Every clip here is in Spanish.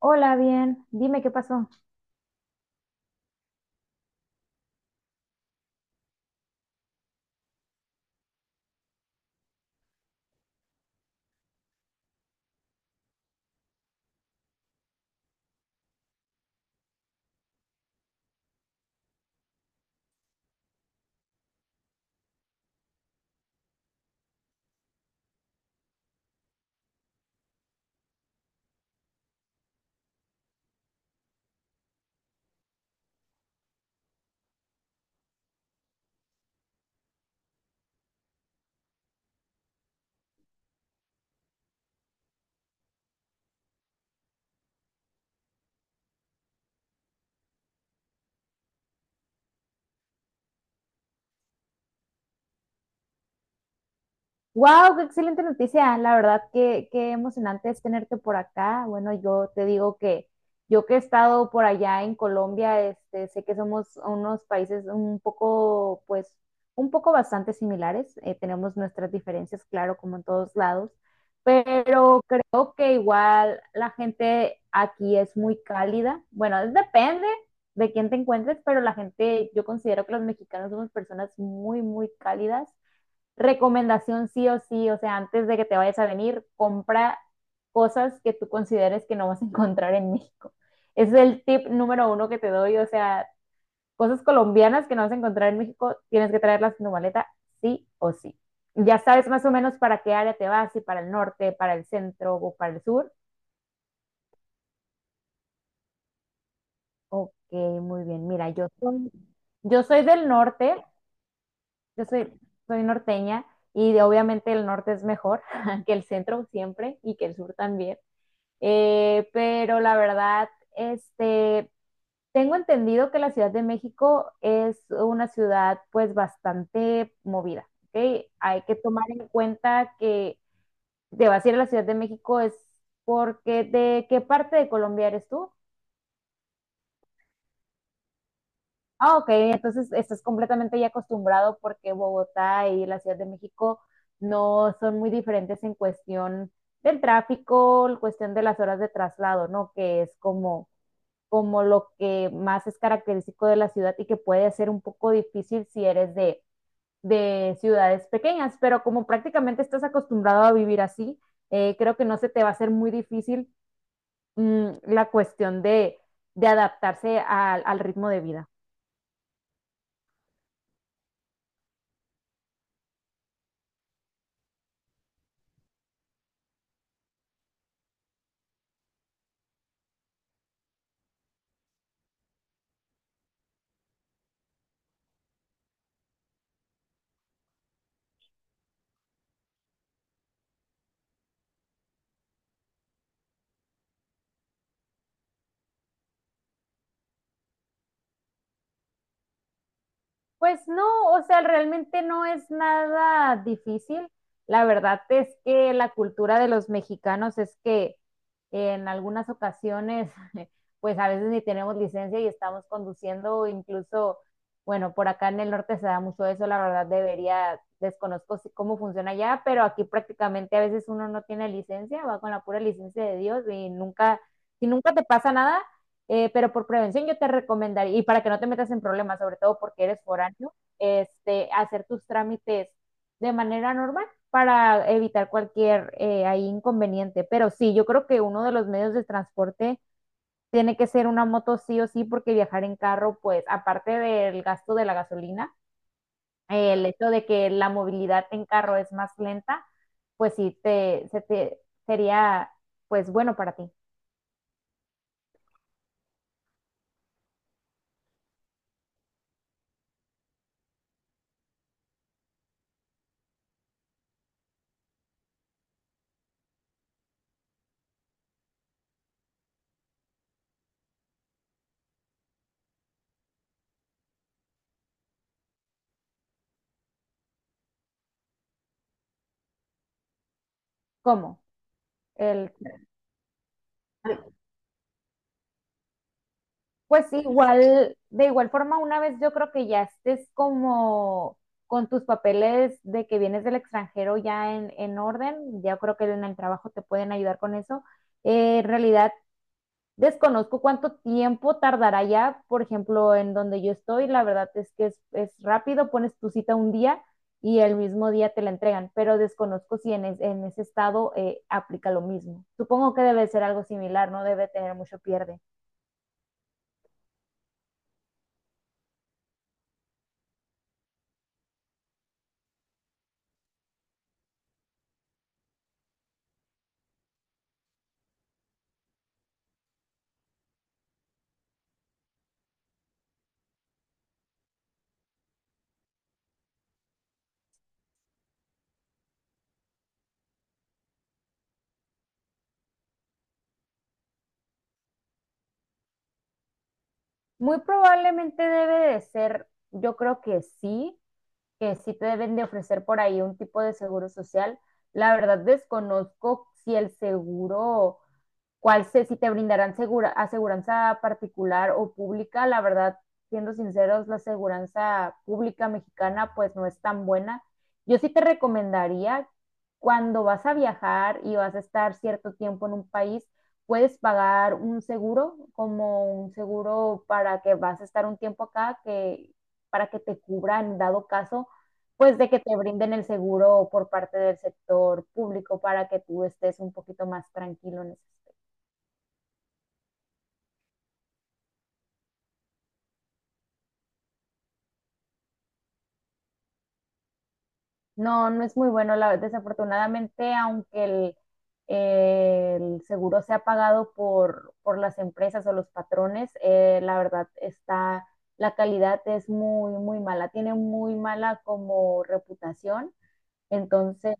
Hola, bien. Dime qué pasó. Wow, qué excelente noticia. La verdad que qué emocionante es tenerte por acá. Bueno, yo te digo que yo que he estado por allá en Colombia, este, sé que somos unos países un poco, pues, un poco bastante similares. Tenemos nuestras diferencias, claro, como en todos lados, pero creo que igual la gente aquí es muy cálida. Bueno, depende de quién te encuentres, pero la gente, yo considero que los mexicanos somos personas muy, muy cálidas. Recomendación, sí o sí, o sea, antes de que te vayas a venir, compra cosas que tú consideres que no vas a encontrar en México. Ese es el tip número uno que te doy, o sea, cosas colombianas que no vas a encontrar en México, tienes que traerlas en tu maleta sí o sí. Ya sabes más o menos para qué área te vas, si para el norte, para el centro o para el sur. Ok, muy bien. Mira, yo soy del norte, yo soy, soy norteña obviamente el norte es mejor que el centro siempre y que el sur también. Pero la verdad, este, tengo entendido que la Ciudad de México es una ciudad pues bastante movida, ¿ok? Hay que tomar en cuenta que te vas a ir a la Ciudad de México es porque, ¿de qué parte de Colombia eres tú? Ah, ok, entonces estás completamente ya acostumbrado porque Bogotá y la Ciudad de México no son muy diferentes en cuestión del tráfico, en cuestión de las horas de traslado, ¿no? Que es como lo que más es característico de la ciudad y que puede ser un poco difícil si eres de ciudades pequeñas, pero como prácticamente estás acostumbrado a vivir así, creo que no se te va a hacer muy difícil la cuestión de, adaptarse al, ritmo de vida. Pues no, o sea, realmente no es nada difícil. La verdad es que la cultura de los mexicanos es que en algunas ocasiones, pues a veces ni tenemos licencia y estamos conduciendo, o incluso, bueno, por acá en el norte se da mucho eso. La verdad debería, desconozco cómo funciona allá, pero aquí prácticamente a veces uno no tiene licencia, va con la pura licencia de Dios y nunca, si nunca te pasa nada pero por prevención yo te recomendaría, y para que no te metas en problemas, sobre todo porque eres foráneo, este, hacer tus trámites de manera normal para evitar cualquier ahí inconveniente. Pero sí, yo creo que uno de los medios de transporte tiene que ser una moto sí o sí, porque viajar en carro, pues aparte del gasto de la gasolina, el hecho de que la movilidad en carro es más lenta, pues sí, se te, sería pues bueno para ti. ¿Cómo? El Pues sí, igual, de igual forma, una vez yo creo que ya estés como con tus papeles de que vienes del extranjero ya en orden, ya creo que en el trabajo te pueden ayudar con eso. En realidad, desconozco cuánto tiempo tardará ya, por ejemplo, en donde yo estoy, la verdad es que es rápido, pones tu cita un día y el mismo día te la entregan, pero desconozco si en, en ese estado aplica lo mismo. Supongo que debe ser algo similar, no debe tener mucho pierde. Muy probablemente debe de ser, yo creo que sí te deben de ofrecer por ahí un tipo de seguro social. La verdad desconozco si el seguro cuál sé si te brindarán segura, aseguranza particular o pública. La verdad, siendo sinceros, la aseguranza pública mexicana pues no es tan buena. Yo sí te recomendaría cuando vas a viajar y vas a estar cierto tiempo en un país, puedes pagar un seguro, como un seguro para que vas a estar un tiempo acá, que para que te cubra en dado caso, pues de que te brinden el seguro por parte del sector público para que tú estés un poquito más tranquilo en ese aspecto. No, no es muy bueno. La, desafortunadamente, aunque el seguro sea pagado por las empresas o los patrones, la verdad está, la calidad es muy, muy mala. Tiene muy mala como reputación. Entonces,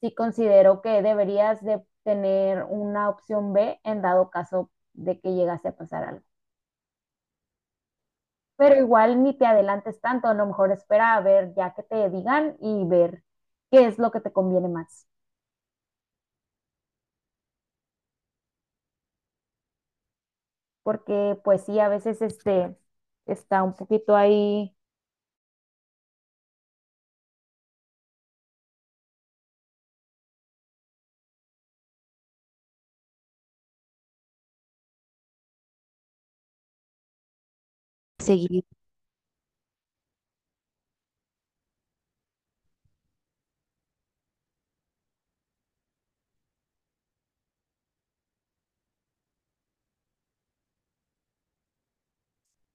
sí considero que deberías de tener una opción B en dado caso de que llegase a pasar algo. Pero igual ni te adelantes tanto, a lo mejor espera a ver ya que te digan y ver qué es lo que te conviene más. Porque pues sí, a veces este está un poquito ahí seguido.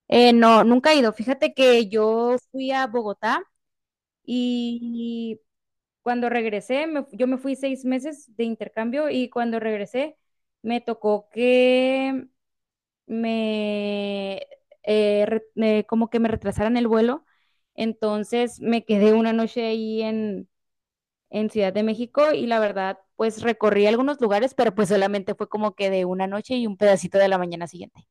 No, nunca he ido. Fíjate que yo fui a Bogotá y cuando regresé, yo me fui seis meses de intercambio y cuando regresé me tocó que me, como que me retrasaran el vuelo. Entonces me quedé una noche ahí en, Ciudad de México y la verdad, pues recorrí algunos lugares, pero pues solamente fue como que de una noche y un pedacito de la mañana siguiente.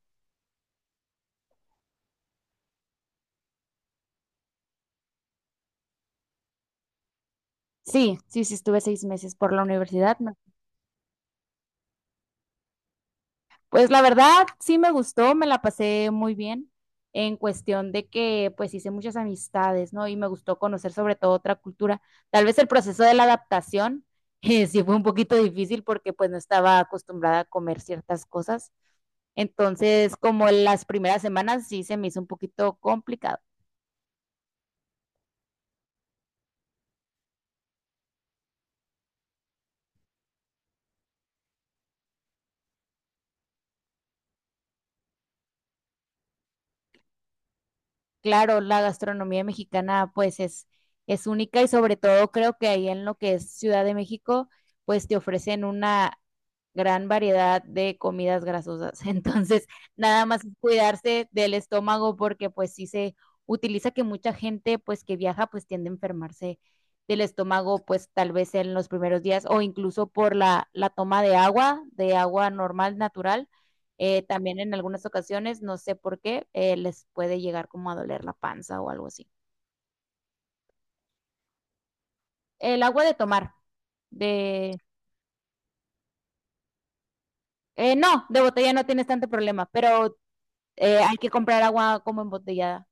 Sí, sí, sí, estuve seis meses por la universidad, ¿no? Pues la verdad, sí me gustó, me la pasé muy bien en cuestión de que pues hice muchas amistades, ¿no? Y me gustó conocer sobre todo otra cultura. Tal vez el proceso de la adaptación sí fue un poquito difícil porque pues no estaba acostumbrada a comer ciertas cosas. Entonces, como las primeras semanas sí se me hizo un poquito complicado. Claro, la gastronomía mexicana pues es única y sobre todo creo que ahí en lo que es Ciudad de México pues te ofrecen una gran variedad de comidas grasosas. Entonces, nada más es cuidarse del estómago porque pues sí se utiliza que mucha gente pues que viaja pues tiende a enfermarse del estómago pues tal vez en los primeros días o incluso por la, toma de agua normal, natural también en algunas ocasiones, no sé por qué, les puede llegar como a doler la panza o algo así. El agua de tomar, de... no, de botella no tienes tanto problema, pero hay que comprar agua como embotellada.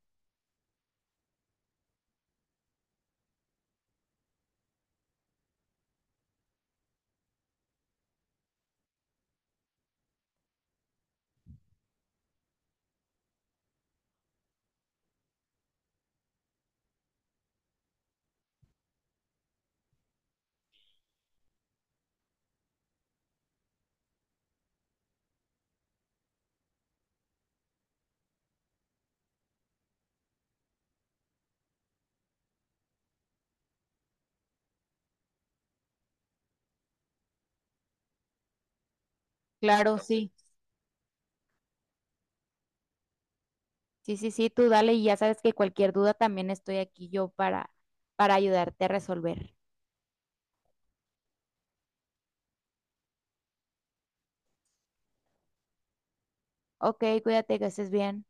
Claro, sí. Sí, sí, sí, tú dale y ya sabes que cualquier duda también estoy aquí yo para, ayudarte a resolver. Ok, cuídate, que estés bien.